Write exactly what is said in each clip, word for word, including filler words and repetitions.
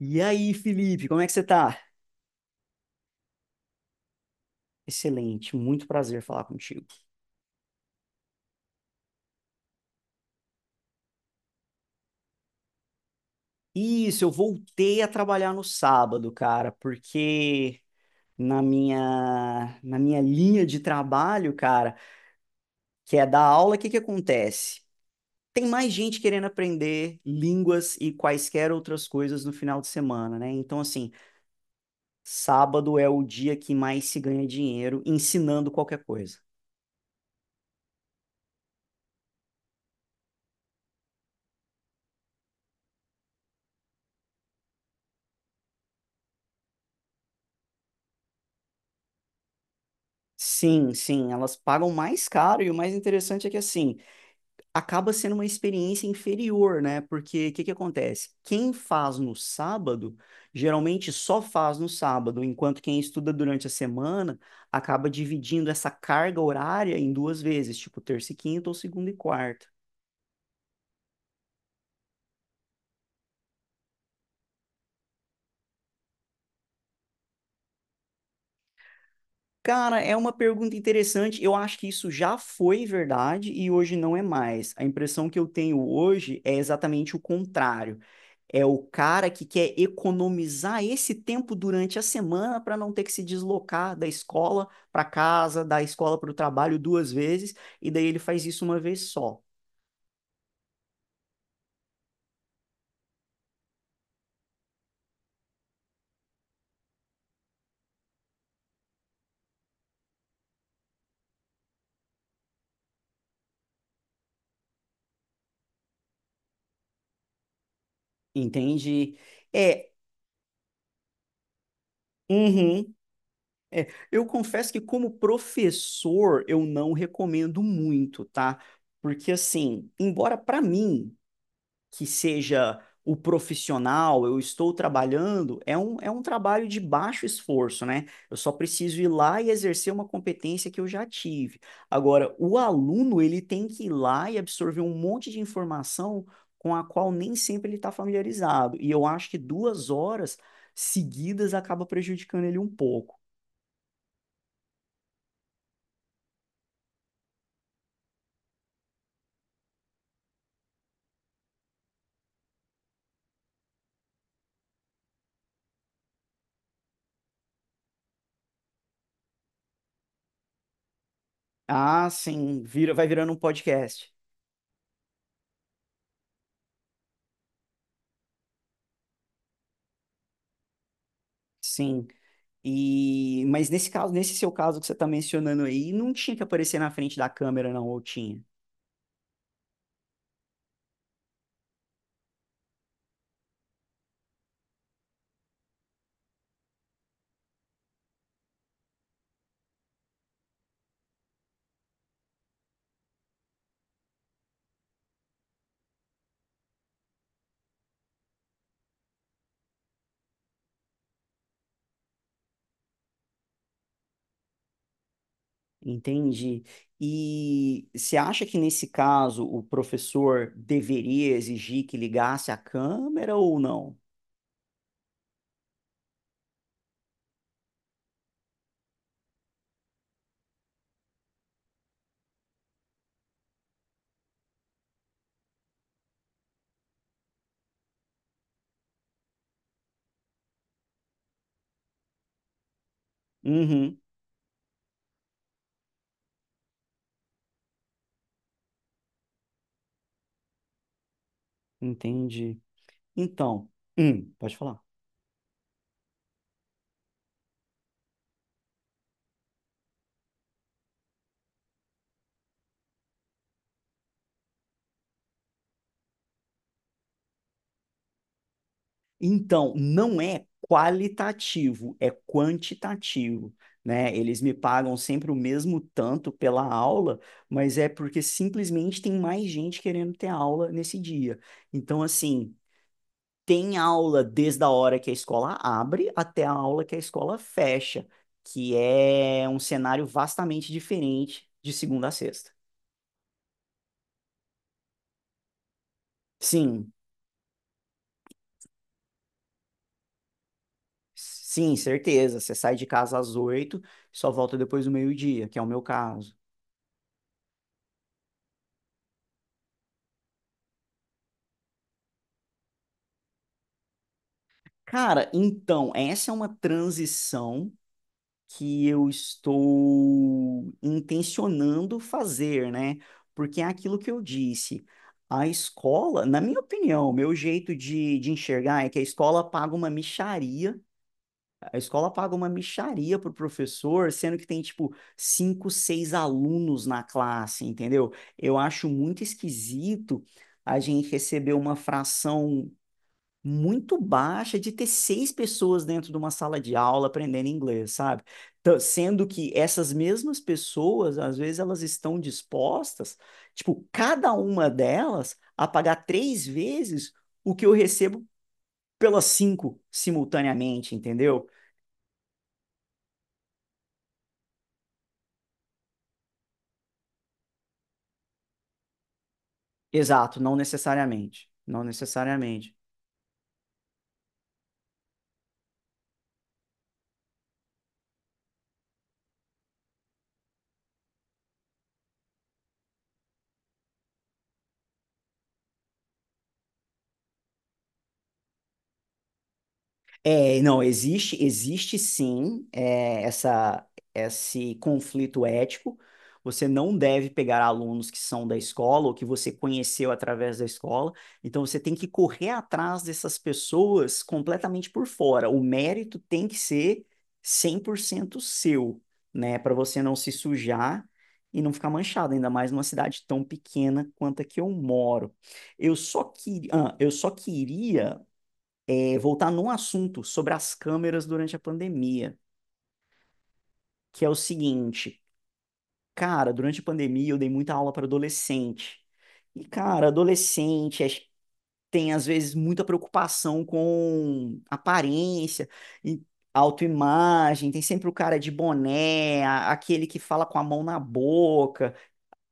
E aí, Felipe, como é que você tá? Excelente, muito prazer falar contigo. Isso, eu voltei a trabalhar no sábado, cara, porque na minha na minha linha de trabalho, cara, que é dar aula, o que que acontece? Tem mais gente querendo aprender línguas e quaisquer outras coisas no final de semana, né? Então, assim, sábado é o dia que mais se ganha dinheiro ensinando qualquer coisa. Sim, sim, elas pagam mais caro e o mais interessante é que assim, acaba sendo uma experiência inferior, né? Porque o que que acontece? Quem faz no sábado, geralmente só faz no sábado, enquanto quem estuda durante a semana acaba dividindo essa carga horária em duas vezes, tipo terça e quinta ou segunda e quarta. Cara, é uma pergunta interessante. Eu acho que isso já foi verdade e hoje não é mais. A impressão que eu tenho hoje é exatamente o contrário. É o cara que quer economizar esse tempo durante a semana para não ter que se deslocar da escola para casa, da escola para o trabalho duas vezes, e daí ele faz isso uma vez só. Entende? É, uhum, é. Eu confesso que como professor eu não recomendo muito, tá? Porque assim, embora para mim que seja o profissional, eu estou trabalhando, é um, é um trabalho de baixo esforço, né? Eu só preciso ir lá e exercer uma competência que eu já tive. Agora, o aluno, ele tem que ir lá e absorver um monte de informação com a qual nem sempre ele está familiarizado. E eu acho que duas horas seguidas acaba prejudicando ele um pouco. Ah, sim, vira, vai virando um podcast. Sim. E, mas nesse caso, nesse seu caso que você está mencionando aí, não tinha que aparecer na frente da câmera, não, ou tinha? Entendi. E você acha que nesse caso o professor deveria exigir que ligasse a câmera ou não? Uhum, entendi. Então, hum, pode falar. Então, não é qualitativo, é quantitativo, né? Eles me pagam sempre o mesmo tanto pela aula, mas é porque simplesmente tem mais gente querendo ter aula nesse dia. Então, assim, tem aula desde a hora que a escola abre até a aula que a escola fecha, que é um cenário vastamente diferente de segunda a sexta. Sim, sim, certeza. Você sai de casa às oito, só volta depois do meio-dia, que é o meu caso. Cara, então, essa é uma transição que eu estou intencionando fazer, né? Porque é aquilo que eu disse. A escola, na minha opinião, meu jeito de, de enxergar é que a escola paga uma mixaria. A escola paga uma mixaria pro professor, sendo que tem, tipo, cinco, seis alunos na classe, entendeu? Eu acho muito esquisito a gente receber uma fração muito baixa de ter seis pessoas dentro de uma sala de aula aprendendo inglês, sabe? Tã- sendo que essas mesmas pessoas, às vezes, elas estão dispostas, tipo, cada uma delas, a pagar três vezes o que eu recebo pelas cinco simultaneamente, entendeu? Exato, não necessariamente. Não necessariamente. É, não, existe, existe sim, é, essa, esse conflito ético. Você não deve pegar alunos que são da escola ou que você conheceu através da escola. Então, você tem que correr atrás dessas pessoas completamente por fora. O mérito tem que ser cem por cento seu, né? Para você não se sujar e não ficar manchado, ainda mais numa cidade tão pequena quanto a que eu moro. Eu só, que, ah, eu só queria é, voltar num assunto sobre as câmeras durante a pandemia, que é o seguinte, cara, durante a pandemia eu dei muita aula para adolescente. E, cara, adolescente é- tem às vezes muita preocupação com aparência e autoimagem, tem sempre o cara de boné, a- aquele que fala com a mão na boca,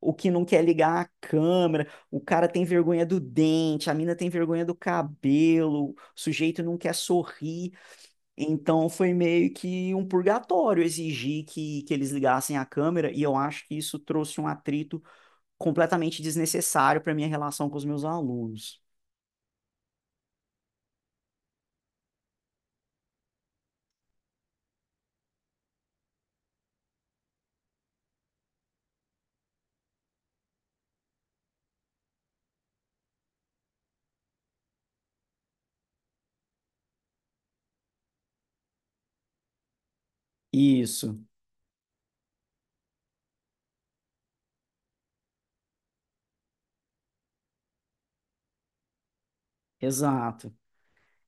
o que não quer ligar a câmera, o cara tem vergonha do dente, a mina tem vergonha do cabelo, o sujeito não quer sorrir. Então foi meio que um purgatório exigir que, que eles ligassem a câmera, e eu acho que isso trouxe um atrito completamente desnecessário para minha relação com os meus alunos. Isso, exato.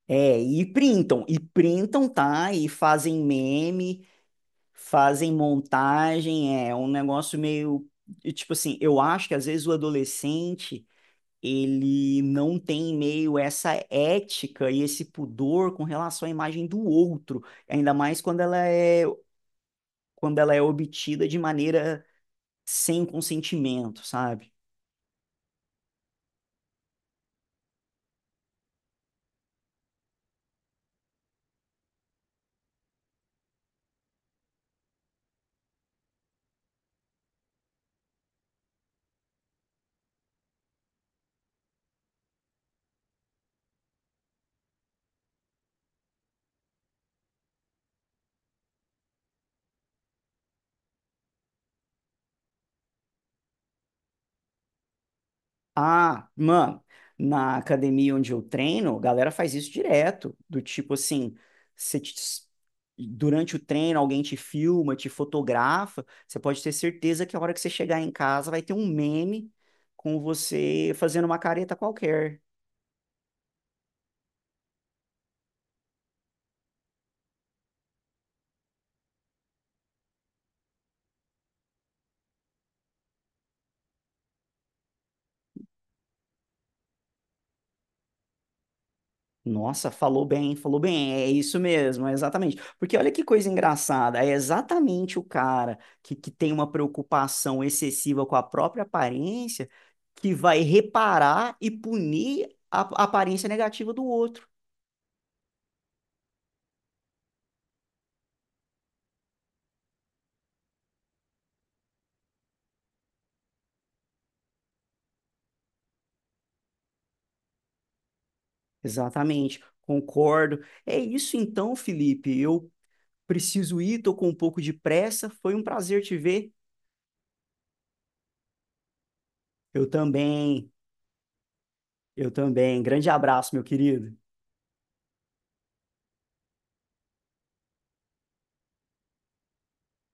É, e printam, e printam, tá? E fazem meme, fazem montagem, é um negócio meio. Tipo assim, eu acho que às vezes o adolescente ele não tem meio essa ética e esse pudor com relação à imagem do outro, ainda mais quando ela é quando ela é obtida de maneira sem consentimento, sabe? Ah, mano, na academia onde eu treino, a galera faz isso direto, do tipo assim, você te- durante o treino alguém te filma, te fotografa, você pode ter certeza que a hora que você chegar em casa vai ter um meme com você fazendo uma careta qualquer. Nossa, falou bem, falou bem, é isso mesmo, é exatamente. Porque olha que coisa engraçada, é exatamente o cara que, que tem uma preocupação excessiva com a própria aparência que vai reparar e punir a, a aparência negativa do outro. Exatamente, concordo. É isso então, Felipe, eu preciso ir, tô com um pouco de pressa, foi um prazer te ver. Eu também, eu também. Grande abraço, meu querido.